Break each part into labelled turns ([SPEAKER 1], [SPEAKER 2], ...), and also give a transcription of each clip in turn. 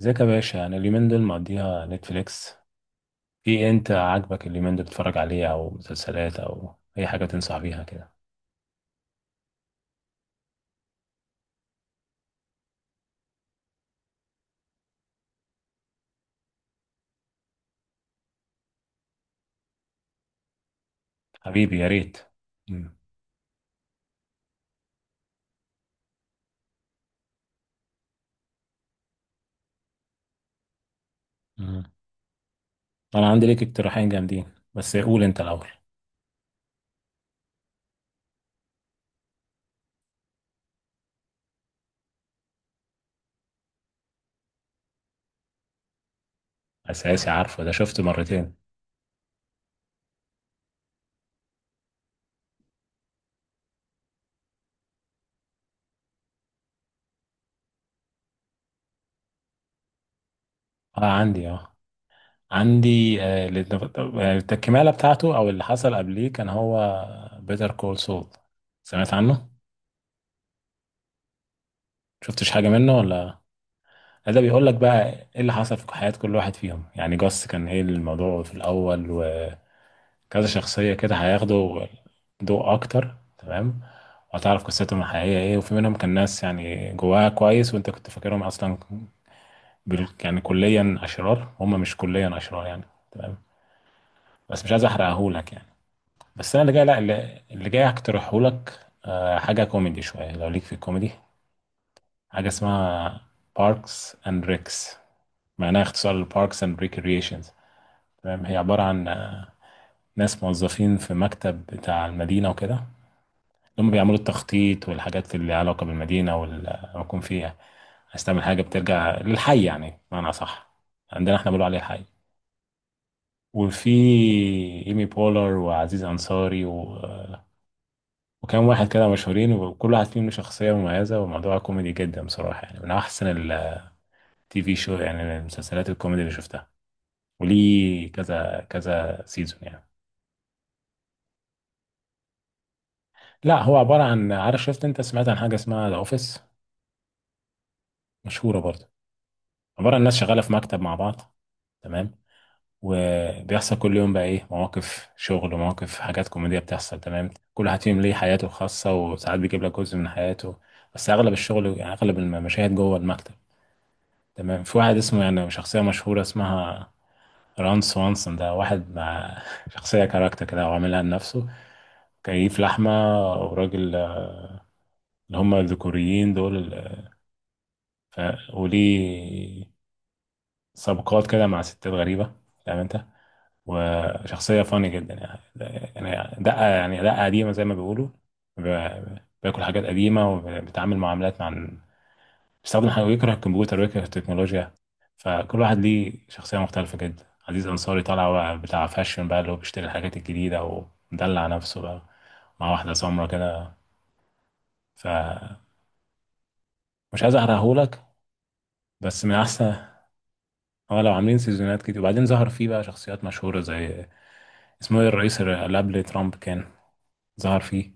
[SPEAKER 1] ازيك يا باشا؟ انا اليومين دول مقضيها نتفليكس. ايه انت عاجبك اليومين دول بتتفرج عليه او مسلسلات او اي حاجه تنصح بيها كده؟ حبيبي يا ريت. مم. مم. انا عندي ليك اقتراحين جامدين، بس قول انت الاول. اساسي، عارفه ده شفته مرتين. اه عندي، اه عندي التكمله بتاعته او اللي حصل قبليه كان هو بيتر كول سول. سمعت عنه؟ شفتش حاجه منه ولا؟ ده بيقول لك بقى ايه اللي حصل في حياة كل واحد فيهم، يعني جاس كان ايه الموضوع في الاول وكذا. شخصية كده هياخدوا ضوء اكتر، تمام؟ وهتعرف قصتهم الحقيقية ايه، وفي منهم كان ناس يعني جواها كويس وانت كنت فاكرهم اصلا بال... يعني كليا اشرار، هم مش كليا اشرار يعني. تمام. بس مش عايز احرقهولك يعني. بس انا اللي جاي، لا اللي, اللي جاي هقترحهولك حاجة كوميدي شوية لو ليك في الكوميدي. حاجة اسمها باركس اند ريكس، معناها اختصار لباركس اند ريكريشنز. تمام، هي عبارة عن ناس موظفين في مكتب بتاع المدينة وكده، اللي هم بيعملوا التخطيط والحاجات اللي ليها علاقة بالمدينة والمكون فيها. عايز تعمل حاجة بترجع للحي، يعني بمعنى صح، عندنا احنا بنقول عليه الحي. وفي ايمي بولر وعزيز أنصاري و... وكان واحد كده مشهورين، وكل واحد فيهم له شخصية مميزة، وموضوع كوميدي جدا بصراحة، يعني من أحسن التي في شو، يعني من المسلسلات الكوميدي اللي شفتها، وليه كذا كذا سيزون يعني. لا، هو عبارة عن، عارف شفت انت، سمعت عن حاجة اسمها ذا اوفيس؟ مشهورة برضه. عبارة عن ناس شغالة في مكتب مع بعض، تمام؟ وبيحصل كل يوم بقى ايه مواقف شغل ومواقف حاجات كوميدية بتحصل، تمام. كل واحد فيهم ليه حياته الخاصة وساعات بيجيب لك جزء من حياته، بس اغلب الشغل يعني اغلب المشاهد جوه المكتب، تمام. في واحد اسمه، يعني شخصية مشهورة اسمها ران سوانسون، ده واحد مع شخصية كاركتر كده وعاملها لنفسه. كيف لحمة، وراجل، اللي هم الذكوريين دول، ف... وليه سابقات كده مع ستات غريبة، فاهم انت؟ وشخصية فاني جدا يعني، يعني دقة، يعني دقة قديمة زي ما بيقولوا. ب- بياكل حاجات قديمة، وبيتعامل معاملات مع، بيستخدم حاجة، ويكره الكمبيوتر ويكره التكنولوجيا. فكل واحد ليه شخصية مختلفة جدا. عزيز أنصاري طالع بقى بتاع فاشن بقى، اللي هو بيشتري الحاجات الجديدة ومدلع نفسه بقى مع واحدة سمرا كده. فمش عايز أحرقهولك، بس من أحسن. اه لو عاملين سيزونات كتير، وبعدين ظهر فيه بقى شخصيات مشهورة زي، اسمه ايه، الرئيس اللي قبل ترامب كان ظهر فيه،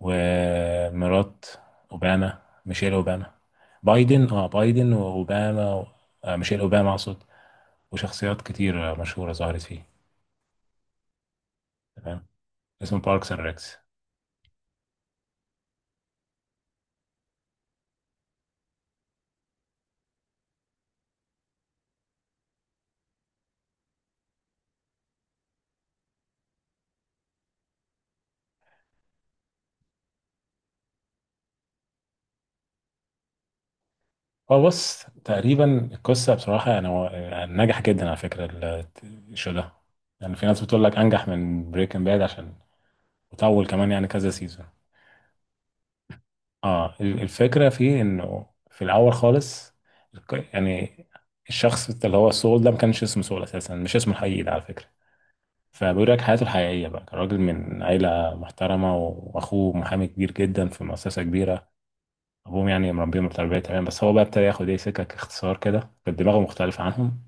[SPEAKER 1] ومرات اوباما، ميشيل اوباما. بايدن، اه بايدن واوباما و... آه ميشيل اوباما اقصد، وشخصيات كتير مشهورة ظهرت فيه. تمام، اسمه باركس اند ريكس. هو بص، تقريبا القصة بصراحة يعني، هو نجح جدا على فكرة الشو ده. يعني في ناس بتقول لك انجح من بريكنج باد، عشان وطول كمان يعني كذا سيزون. اه الفكرة في انه في الاول خالص، يعني الشخص اللي هو سول ده ما كانش اسمه سول اساسا، مش اسمه الحقيقي ده على فكرة. فبيقول لك حياته الحقيقية بقى، كان راجل من عيلة محترمة واخوه محامي كبير جدا في مؤسسة كبيرة. ابوهم يعني مربيهم بتربية، تمام؟ بس هو بقى ابتدى ياخد ايه سكك اختصار كده، كانت دماغه مختلفة عنهم.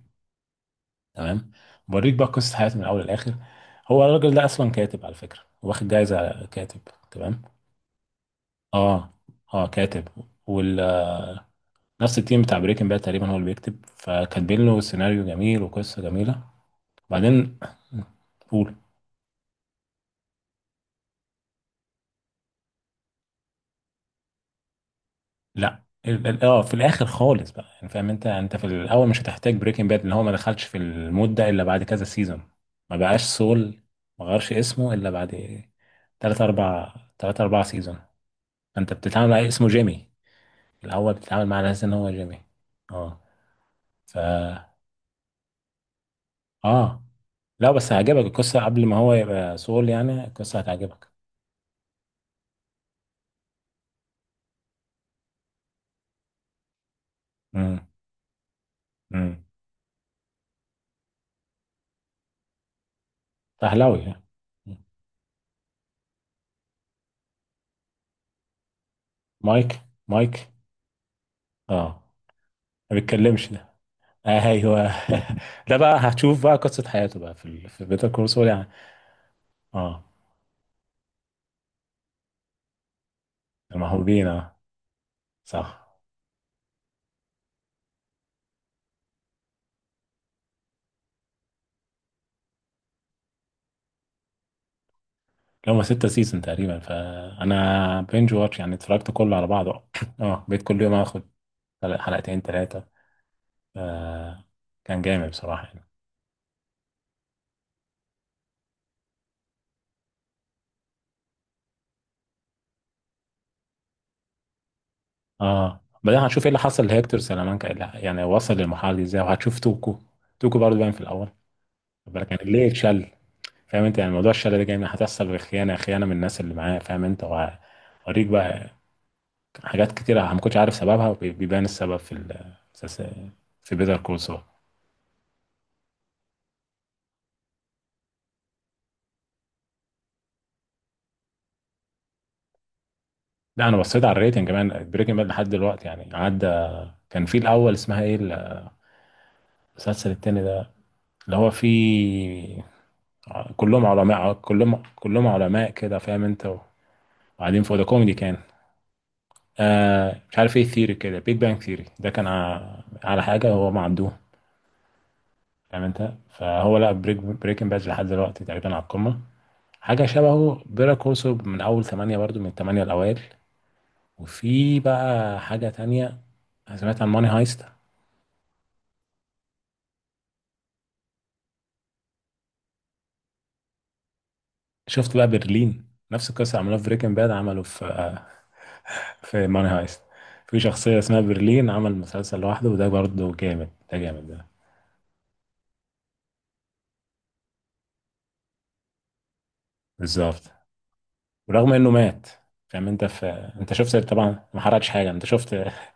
[SPEAKER 1] تمام، بوريك بقى قصة حياته من الاول للاخر. هو الراجل ده اصلا كاتب على فكرة، واخد جايزة كاتب. تمام. اه، اه كاتب. وال، نفس التيم بتاع بريكنج باد تقريبا هو اللي بيكتب، فكاتبين له سيناريو جميل وقصه جميله. وبعدين قول. لا، اه في الاخر خالص بقى، يعني فاهم انت؟ انت في الاول مش هتحتاج بريكنج باد، ان هو ما دخلش في المود ده الا بعد كذا سيزون. ما بقاش سول، ما غيرش اسمه الا بعد تلات اربع، تلات اربع سيزون. فانت بتتعامل مع اسمه جيمي الاول، بتتعامل مع ناس ان هو جيمي. اه، ف، اه، لا بس هيعجبك القصه قبل ما هو يبقى سول، يعني القصه هتعجبك. مم. امم، اهلاوي يعني. مايك، مايك. اه، ما بيتكلمش ده، ايوه. ده بقى هتشوف بقى قصة حياته بقى في ال... في بيتر كول سول يعني. اه المحبوبين، اه صح. هما ستة سيزون تقريبا، فانا بينج واتش يعني اتفرجت كله على بعضه. اه بقيت كل يوم اخد حلقتين ثلاثة. آه. كان جامد بصراحة يعني. اه بعدين هتشوف ايه اللي حصل لهيكتور سلامانكا، إيه اللي، يعني وصل للمرحلة دي ازاي، وهتشوف توكو. توكو برضه باين في الاول. خد بالك يعني ليه اتشل، فاهم انت؟ يعني موضوع الشلل ده جاي من، هتحصل بخيانه، خيانه من الناس اللي معاه، فاهم انت؟ وهوريك بقى حاجات كتيره ما كنتش عارف سببها، وبيبان السبب في في بيتر كول سول. لا انا بصيت على الريتنج كمان، بريكنج باد لحد دلوقتي يعني عدى. كان في الاول اسمها ايه، المسلسل التاني ده اللي هو فيه كلهم علماء، كلهم علماء كده فاهم انت، وقاعدين فوق، ده كوميدي كان. آه مش عارف ايه ثيري كده، بيج بانج ثيري، ده كان على حاجه هو ما عندوش، فاهم انت؟ فهو لا، بريكنج باد لحد دلوقتي تقريبا على القمه. حاجه شبهه بيرا كورسو، من اول ثمانية برضو، من الثمانية الاوائل. وفي بقى حاجه تانية. أنا سمعت عن ماني هايست، شفت بقى برلين؟ نفس القصه عملوها في بريكنج باد، عملوا في في ماني هايست في شخصيه اسمها برلين، عمل مسلسل لوحده، وده برضو جامد ده، جامد ده. بالظبط، ورغم انه مات، فاهم انت؟ في، انت شفت طبعا، ما حرقتش حاجه، انت شفت.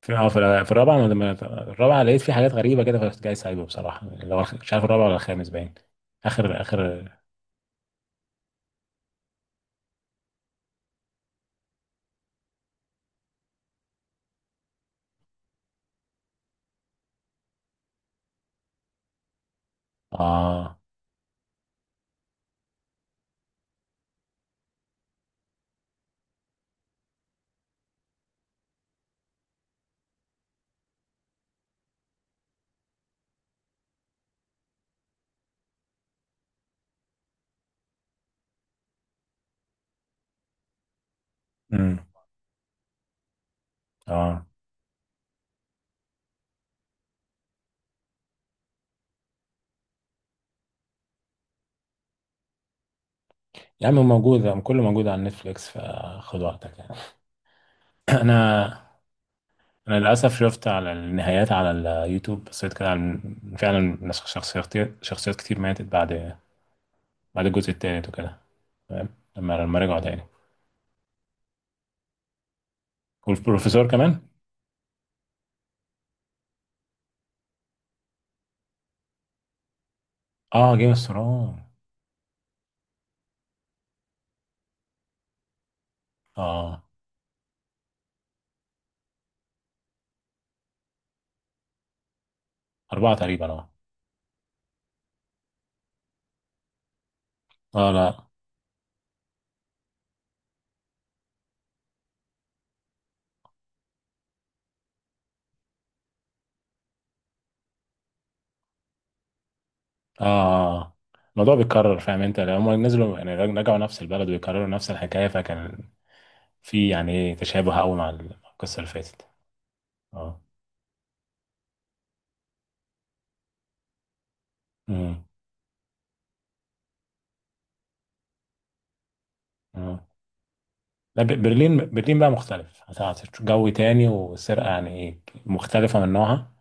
[SPEAKER 1] في اه في في الرابعه انا لما، الرابعه لقيت في حاجات غريبه كده، فكنت جاي سايبه بصراحه لو مش عارف الرابعه ولا الخامس باين. اخر، اخر. اه، امم، اه. يا عم موجود، كله موجود على نتفليكس، فخد وقتك يعني. انا، انا للاسف شفت على النهايات على اليوتيوب، بصيت كده على، فعلا شخصيات، شخصيات كتير ماتت بعد، بعد الجزء التالت وكده. تمام، لما لما رجعوا تاني والبروفيسور كمان. اه جيم اوف ثرونز. اه اربعه تقريبا. اه، اه لا. اه الموضوع بيتكرر، فاهم انت؟ لما نزلوا يعني رجعوا نفس البلد ويكرروا نفس الحكايه، فكان في يعني ايه، تشابه قوي مع القصه اللي فاتت. اه، امم. اه لا، برلين، برلين بقى مختلف، هتعطي جو تاني، والسرقه يعني ايه، مختلفه من نوعها،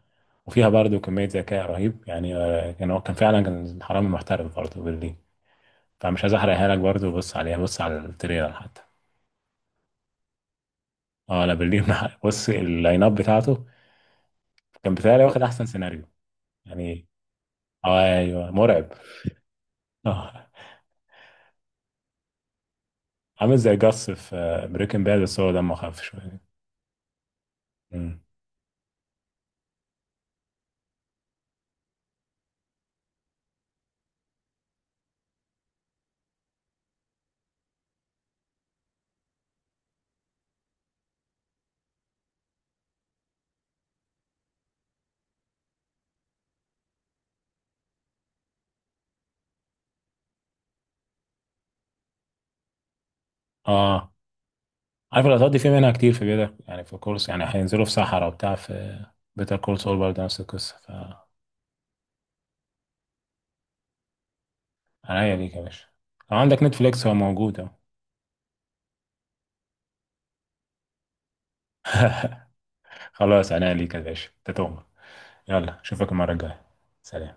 [SPEAKER 1] وفيها برضو كميه ذكاء رهيب يعني. كان هو كان فعلا كان حرامي محترف برضو، برلين. فمش عايز احرقها لك برضو، بص عليها، بص على التريلر حتى. اه لا برلين. بص اللاين اب بتاعته، كان بتهيألي واخد احسن سيناريو يعني. اه ايوه، مرعب. اه عامل زي جاس في بريكنج باد، بس هو دمه خف شويه. مم. اه عارف اللقطات دي في منها كتير في بيتر، يعني في كورس يعني هينزلوا في صحراء وبتاع، في بيتر كول سول برضه نفس القصه. فعناية ليك يا باشا، لو عندك نتفليكس هو موجود اهو. خلاص، عناية ليك يا باشا، انت تؤمر. يلا، اشوفك المره الجايه. سلام.